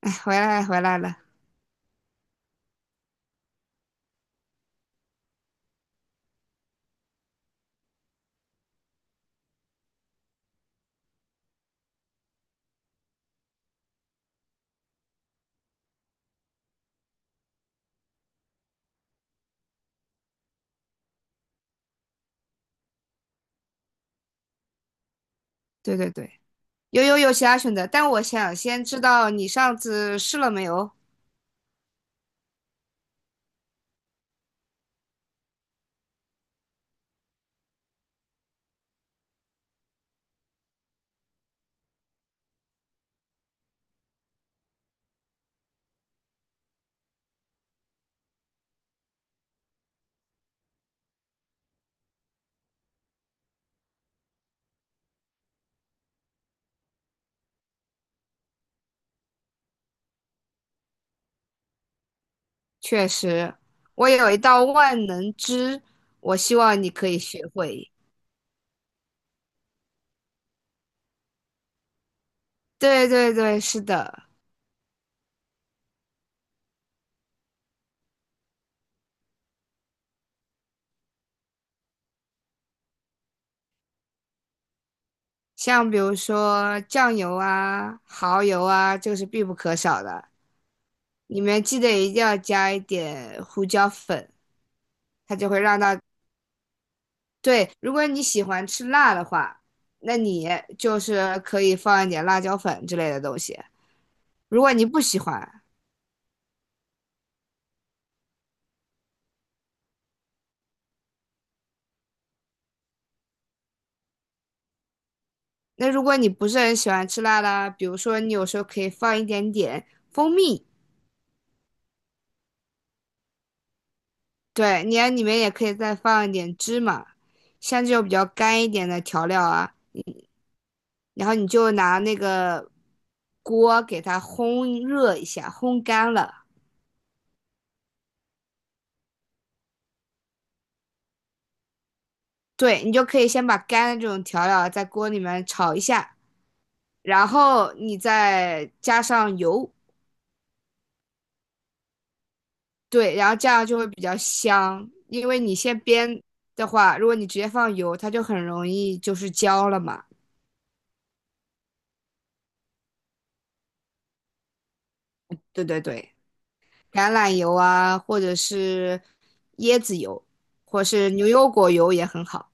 哎回来了回来了。对对对，有其他选择，但我想先知道你上次试了没有？确实，我有一道万能汁，我希望你可以学会。对对对，是的，像比如说酱油啊、蚝油啊，这个是必不可少的。里面记得一定要加一点胡椒粉，它就会让它，对，如果你喜欢吃辣的话，那你就是可以放一点辣椒粉之类的东西。如果你不喜欢，那如果你不是很喜欢吃辣的，比如说你有时候可以放一点点蜂蜜，对，你在里面也可以再放一点芝麻，像这种比较干一点的调料啊，然后你就拿那个锅给它烘热一下，烘干了。对，你就可以先把干的这种调料啊在锅里面炒一下，然后你再加上油，对，然后这样就会比较香，因为你先煸的话，如果你直接放油，它就很容易就是焦了嘛。对对对，橄榄油啊，或者是椰子油，或是牛油果油也很好。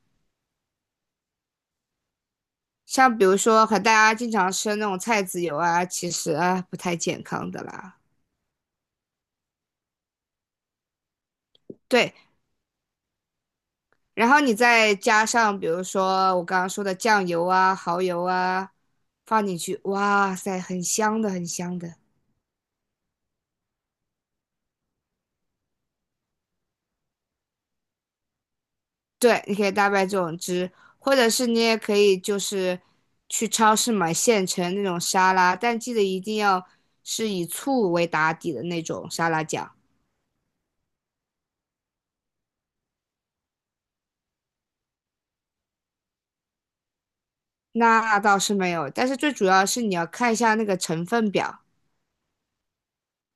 像比如说，和大家经常吃的那种菜籽油啊，其实啊不太健康的啦。对，然后你再加上比如说我刚刚说的酱油啊、蚝油啊，放进去，哇塞，很香的，很香的。对，你可以大卖这种汁，或者是你也可以就是去超市买现成那种沙拉，但记得一定要是以醋为打底的那种沙拉酱。那倒是没有，但是最主要是你要看一下那个成分表，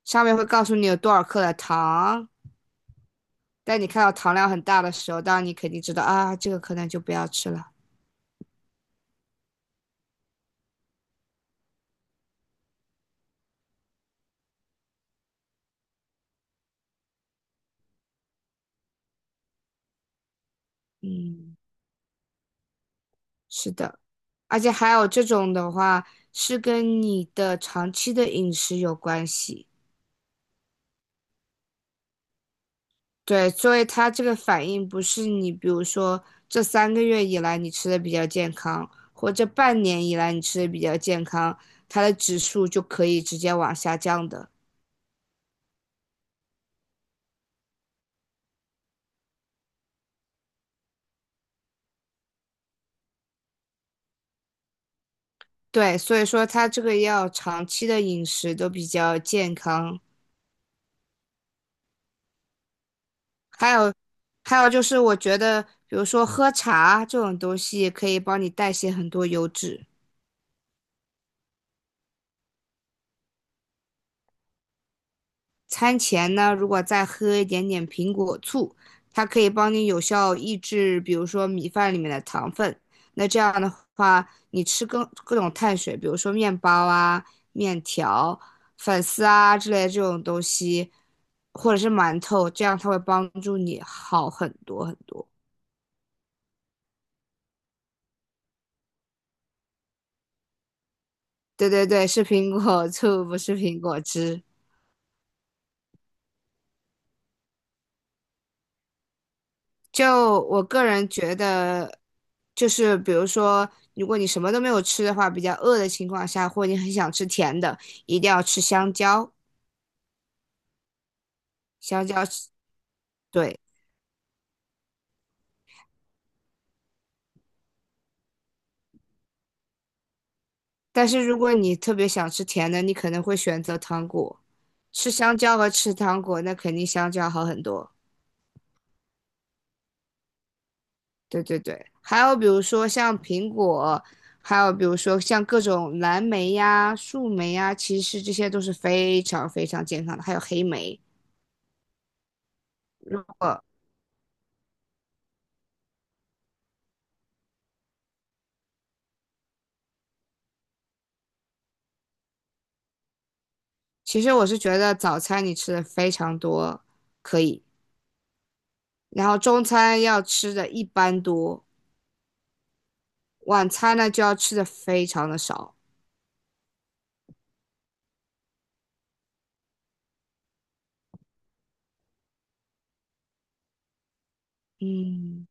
上面会告诉你有多少克的糖。但你看到糖量很大的时候，当然你肯定知道啊，这个可能就不要吃了。嗯，是的，而且还有这种的话是跟你的长期的饮食有关系。对，所以它这个反应不是你，比如说这3个月以来你吃的比较健康，或这半年以来你吃的比较健康，它的指数就可以直接往下降的。对，所以说它这个要长期的饮食都比较健康，还有还有就是我觉得，比如说喝茶这种东西可以帮你代谢很多油脂。餐前呢，如果再喝一点点苹果醋，它可以帮你有效抑制，比如说米饭里面的糖分。那这样的话，你吃各种碳水，比如说面包啊、面条、粉丝啊之类的这种东西，或者是馒头，这样它会帮助你好很多很多。对对对，是苹果醋，不是苹果汁。就我个人觉得，就是比如说，如果你什么都没有吃的话，比较饿的情况下，或者你很想吃甜的，一定要吃香蕉。香蕉是对。但是如果你特别想吃甜的，你可能会选择糖果。吃香蕉和吃糖果，那肯定香蕉好很多。对对对，还有比如说像苹果，还有比如说像各种蓝莓呀、树莓呀，其实这些都是非常非常健康的。还有黑莓，如果。其实我是觉得早餐你吃的非常多，可以，然后中餐要吃的一般多，晚餐呢就要吃的非常的少，嗯，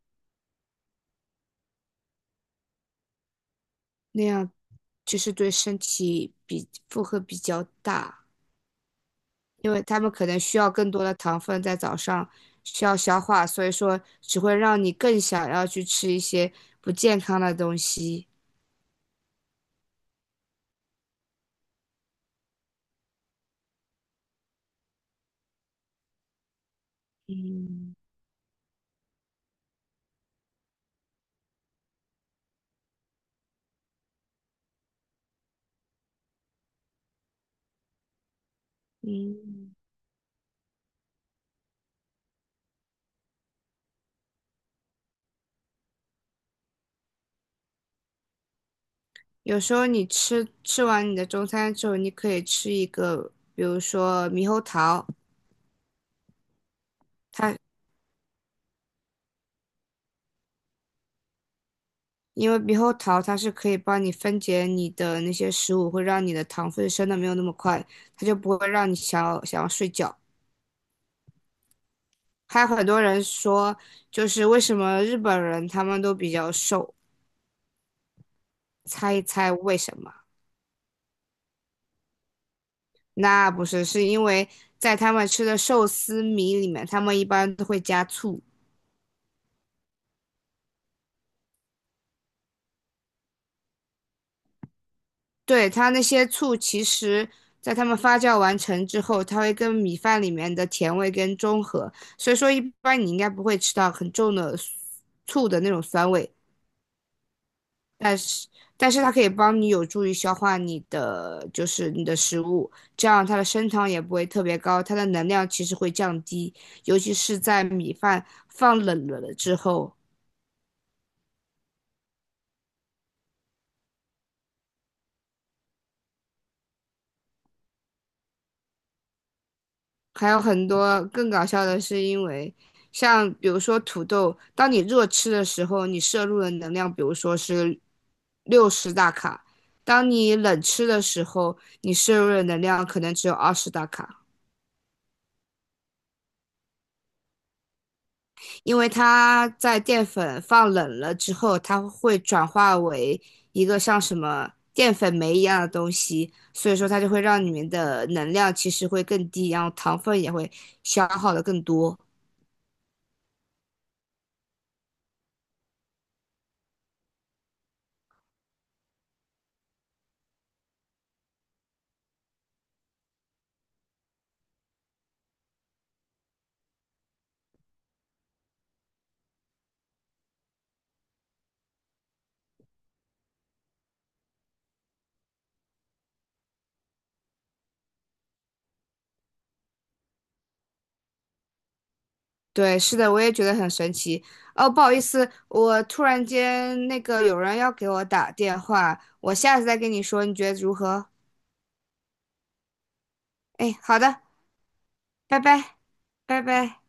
那样就是对身体比负荷比较大，因为他们可能需要更多的糖分在早上需要消化，所以说只会让你更想要去吃一些不健康的东西。嗯嗯。有时候你吃完你的中餐之后，你可以吃一个，比如说猕猴桃，它因为猕猴桃它是可以帮你分解你的那些食物，会让你的糖分升的没有那么快，它就不会让你想要睡觉。还有很多人说，就是为什么日本人他们都比较瘦？猜一猜为什么？那不是，是因为在他们吃的寿司米里面，他们一般都会加醋。对，它那些醋，其实在它们发酵完成之后，它会跟米饭里面的甜味跟中和，所以说一般你应该不会吃到很重的醋的那种酸味，但是但是它可以帮你有助于消化你的就是你的食物，这样它的升糖也不会特别高，它的能量其实会降低，尤其是在米饭放冷了之后。还有很多更搞笑的是，因为像比如说土豆，当你热吃的时候，你摄入的能量，比如说是60大卡；当你冷吃的时候，你摄入的能量可能只有20大卡，因为它在淀粉放冷了之后，它会转化为一个像什么淀粉酶一样的东西，所以说它就会让里面的能量其实会更低，然后糖分也会消耗的更多。对，是的，我也觉得很神奇。哦，不好意思，我突然间那个有人要给我打电话，我下次再跟你说，你觉得如何？哎，好的，拜拜，拜拜。